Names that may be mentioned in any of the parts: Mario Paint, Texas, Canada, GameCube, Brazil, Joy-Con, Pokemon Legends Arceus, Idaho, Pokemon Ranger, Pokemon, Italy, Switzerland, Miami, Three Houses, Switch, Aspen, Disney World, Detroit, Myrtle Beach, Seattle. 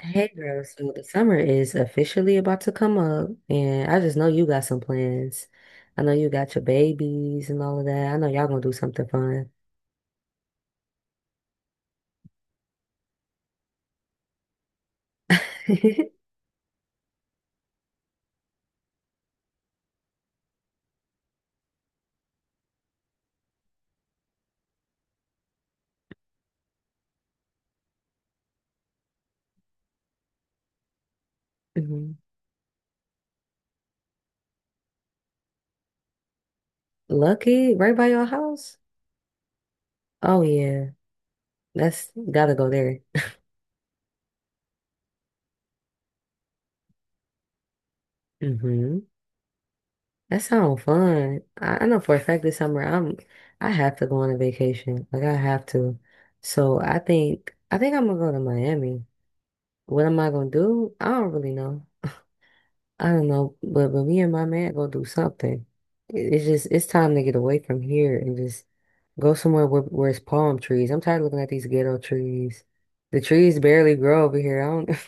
Hey girl, so the summer is officially about to come up, and I just know you got some plans. I know you got your babies and all of that. I know y'all gonna do something fun. Mhm. Lucky, right by your house? Oh yeah, that's gotta go there. hmm That sounds fun. I know for a fact this summer I have to go on a vacation. Like I have to. So I think I'm gonna go to Miami. What am I gonna do? I don't really know. I don't know, but me and my man go do something. It's just it's time to get away from here and just go somewhere where it's palm trees. I'm tired of looking at these ghetto trees. The trees barely grow over here. I don't.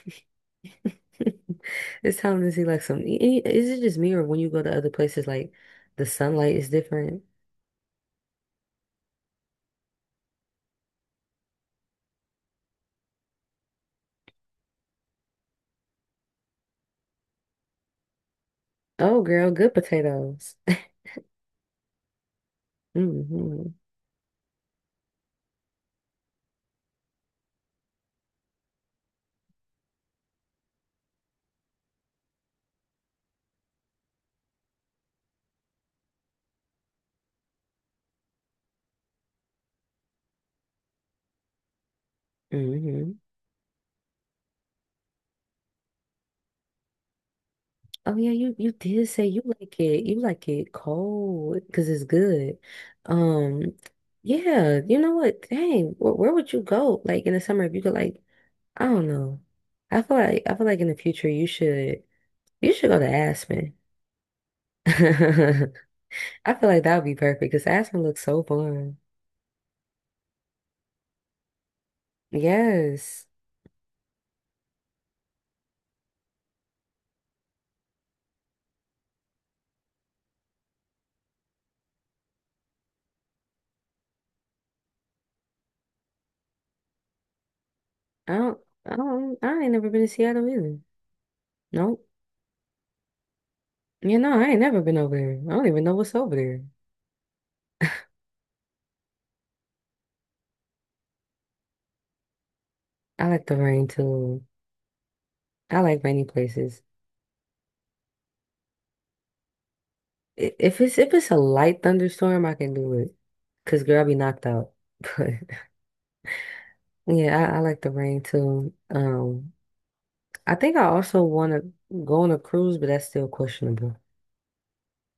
It's time to see like some. Is it just me or when you go to other places like the sunlight is different? Oh, girl, good potatoes. hmm hmm Oh yeah, you did say you like it. You like it cold because it's good. Um, yeah, you know what? Dang, where would you go like in the summer if you could, like I don't know. I feel like in the future you should go to Aspen. I feel like that would be perfect because Aspen looks so fun. Yes, I don't I don't I ain't never been to Seattle either. Nope. You know I ain't never been over there. I don't even know what's over there. I like the rain too. I like rainy places. If it's, if it's a light thunderstorm, I can do it. Cause girl, I be knocked out. But yeah, I like the rain too. I think I also want to go on a cruise, but that's still questionable.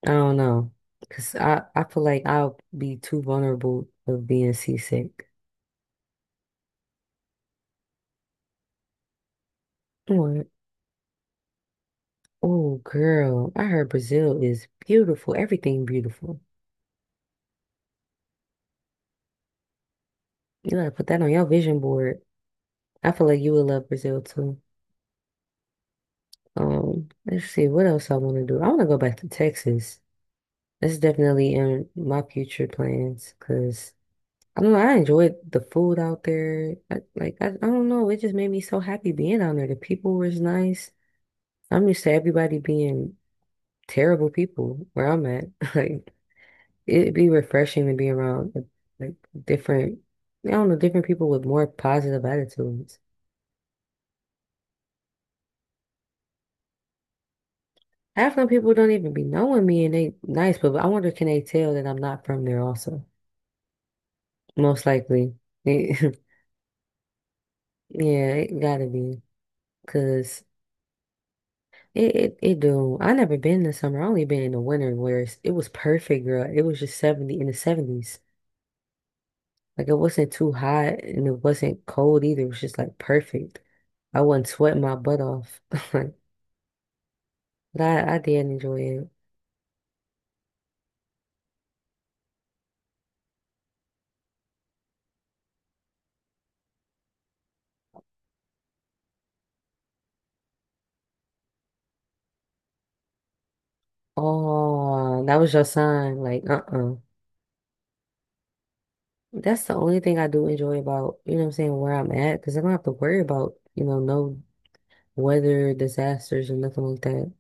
I don't know. Cause I feel like I'll be too vulnerable of being seasick. What? Oh, girl, I heard Brazil is beautiful. Everything beautiful. You gotta put that on your vision board. I feel like you would love Brazil too. Let's see what else I want to do. I want to go back to Texas. It's definitely in my future plans because I don't know, I enjoyed the food out there. I don't know, it just made me so happy being down there. The people was nice. I'm used to everybody being terrible people where I'm at. Like it'd be refreshing to be around like different, I don't know, different people with more positive attitudes. Half of the people don't even be knowing me and they nice, but I wonder can they tell that I'm not from there also? Most likely. Yeah, it gotta be. Cause it do. I never been in the summer. I only been in the winter where it was perfect, girl. It was just 70, in the 70s. Like it wasn't too hot and it wasn't cold either. It was just like perfect. I wasn't sweating my butt off. But I did enjoy it. Oh, that was your sign. Like, uh-uh. That's the only thing I do enjoy about, you know what I'm saying, where I'm at, because I don't have to worry about, you know, no weather disasters or nothing like that.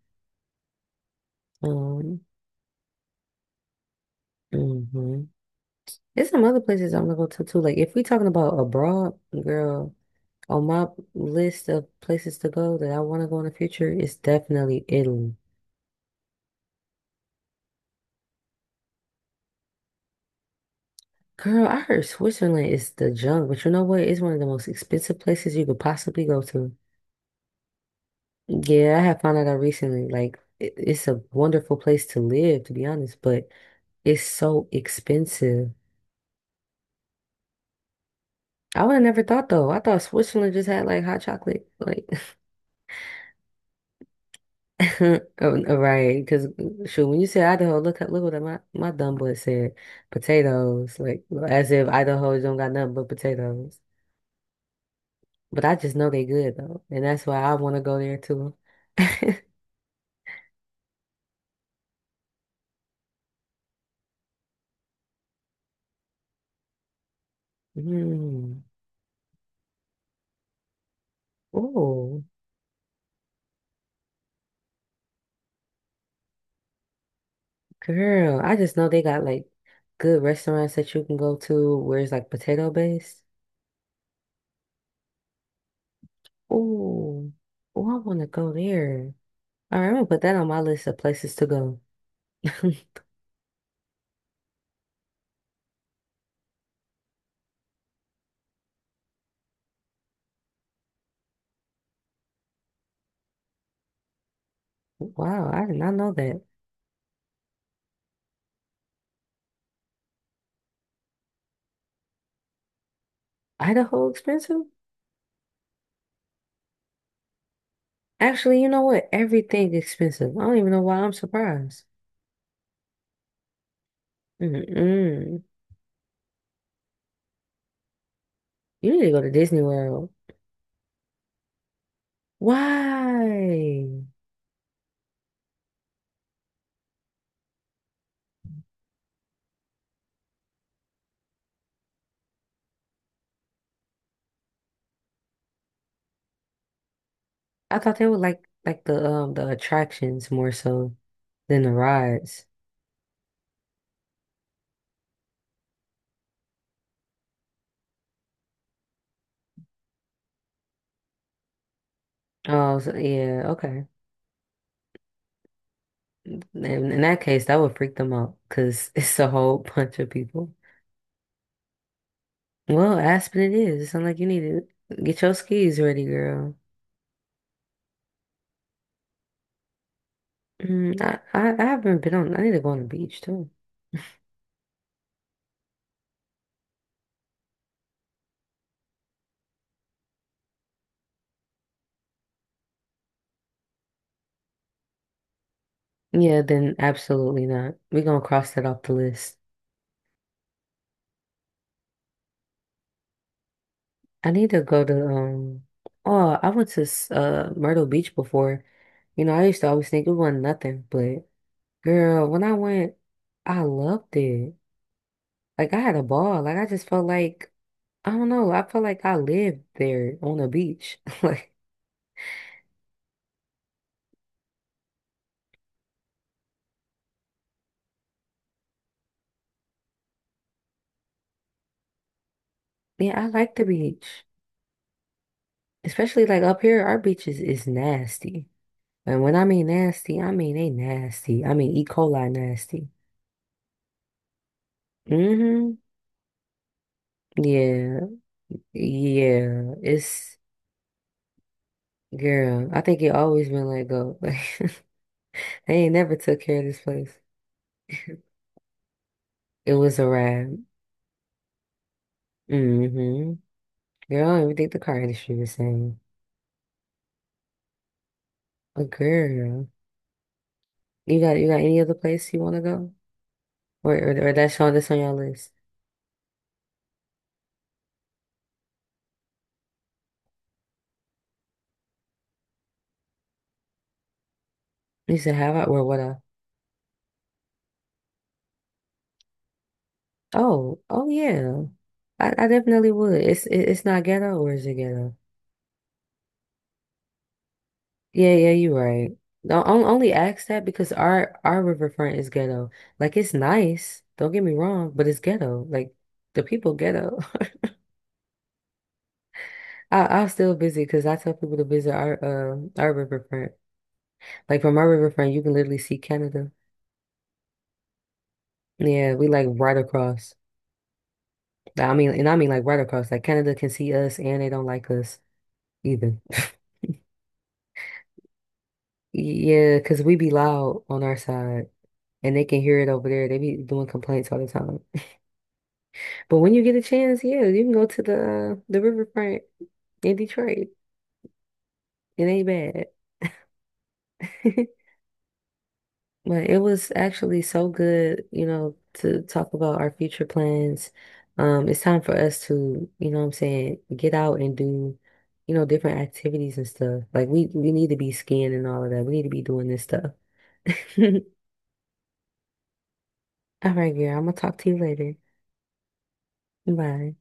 Um, mhm. There's some other places I want to go to too. Like if we talking about abroad, girl, on my list of places to go that I want to go in the future, it's definitely Italy. Girl, I heard Switzerland is the junk, but you know what? It's one of the most expensive places you could possibly go to. Yeah, I have found that out recently. It's a wonderful place to live, to be honest, but it's so expensive. I would have never thought though. I thought Switzerland just had like hot chocolate. Like oh, Right, because shoot, when you said Idaho, look what my dumb boy said, potatoes, like well, as if Idaho don't got nothing but potatoes. But I just know they good though, and that's why I want to go there too. Mm. Oh, girl, I just know they got like good restaurants that you can go to where it's like potato based. Oh, oh, I want to go there. All right, I'm gonna put that on my list of places to go. Wow, I did not know that. Idaho expensive? Actually, you know what? Everything expensive. I don't even know why I'm surprised. Mm-mm. You need to go to Disney World. Why? I thought they would like the attractions more so than the rides. Oh, so, yeah, okay. In that case, that would freak them out because it's a whole bunch of people. Well, Aspen it is. It sounds like you need to get your skis ready, girl. Mm, I haven't been on. I need to go on the beach too. Yeah, then absolutely not. We're gonna cross that off the list. I need to go to oh, I went to Myrtle Beach before. You know, I used to always think it wasn't nothing, but girl, when I went, I loved it. Like I had a ball. Like I just felt like I don't know, I felt like I lived there on the beach. Like, yeah, I like the beach. Especially like up here, our beaches is nasty. And when I mean nasty, I mean they nasty. I mean E. coli nasty. Mm-hmm. Yeah. Yeah, it's girl. I think it always been let go. Like they ain't never took care of this place. It was a ride. Mm-hmm. Girl, I don't even think the car industry was saying. But girl, you got any other place you want to go, or that's on your list? You said have I or what I? Oh, oh yeah. I definitely would. It's not ghetto or is it ghetto? Yeah, yeah, you're right. No, only ask that because our riverfront is ghetto. Like it's nice, don't get me wrong, but it's ghetto. Like the people ghetto. I'll still visit because I tell people to visit our riverfront. Like from our riverfront, you can literally see Canada. Yeah, we like right across. I mean, and I mean like right across. Like Canada can see us, and they don't like us either. Yeah, because we be loud on our side, and they can hear it over there. They be doing complaints all the time. But when you get a chance, yeah, you can go to the riverfront in Detroit. It ain't bad. But it was actually so good, you know, to talk about our future plans. It's time for us to, you know what I'm saying, get out and do, you know, different activities and stuff. Like we need to be skiing and all of that. We need to be doing this stuff. All right, girl, I'm gonna talk to you later. Bye.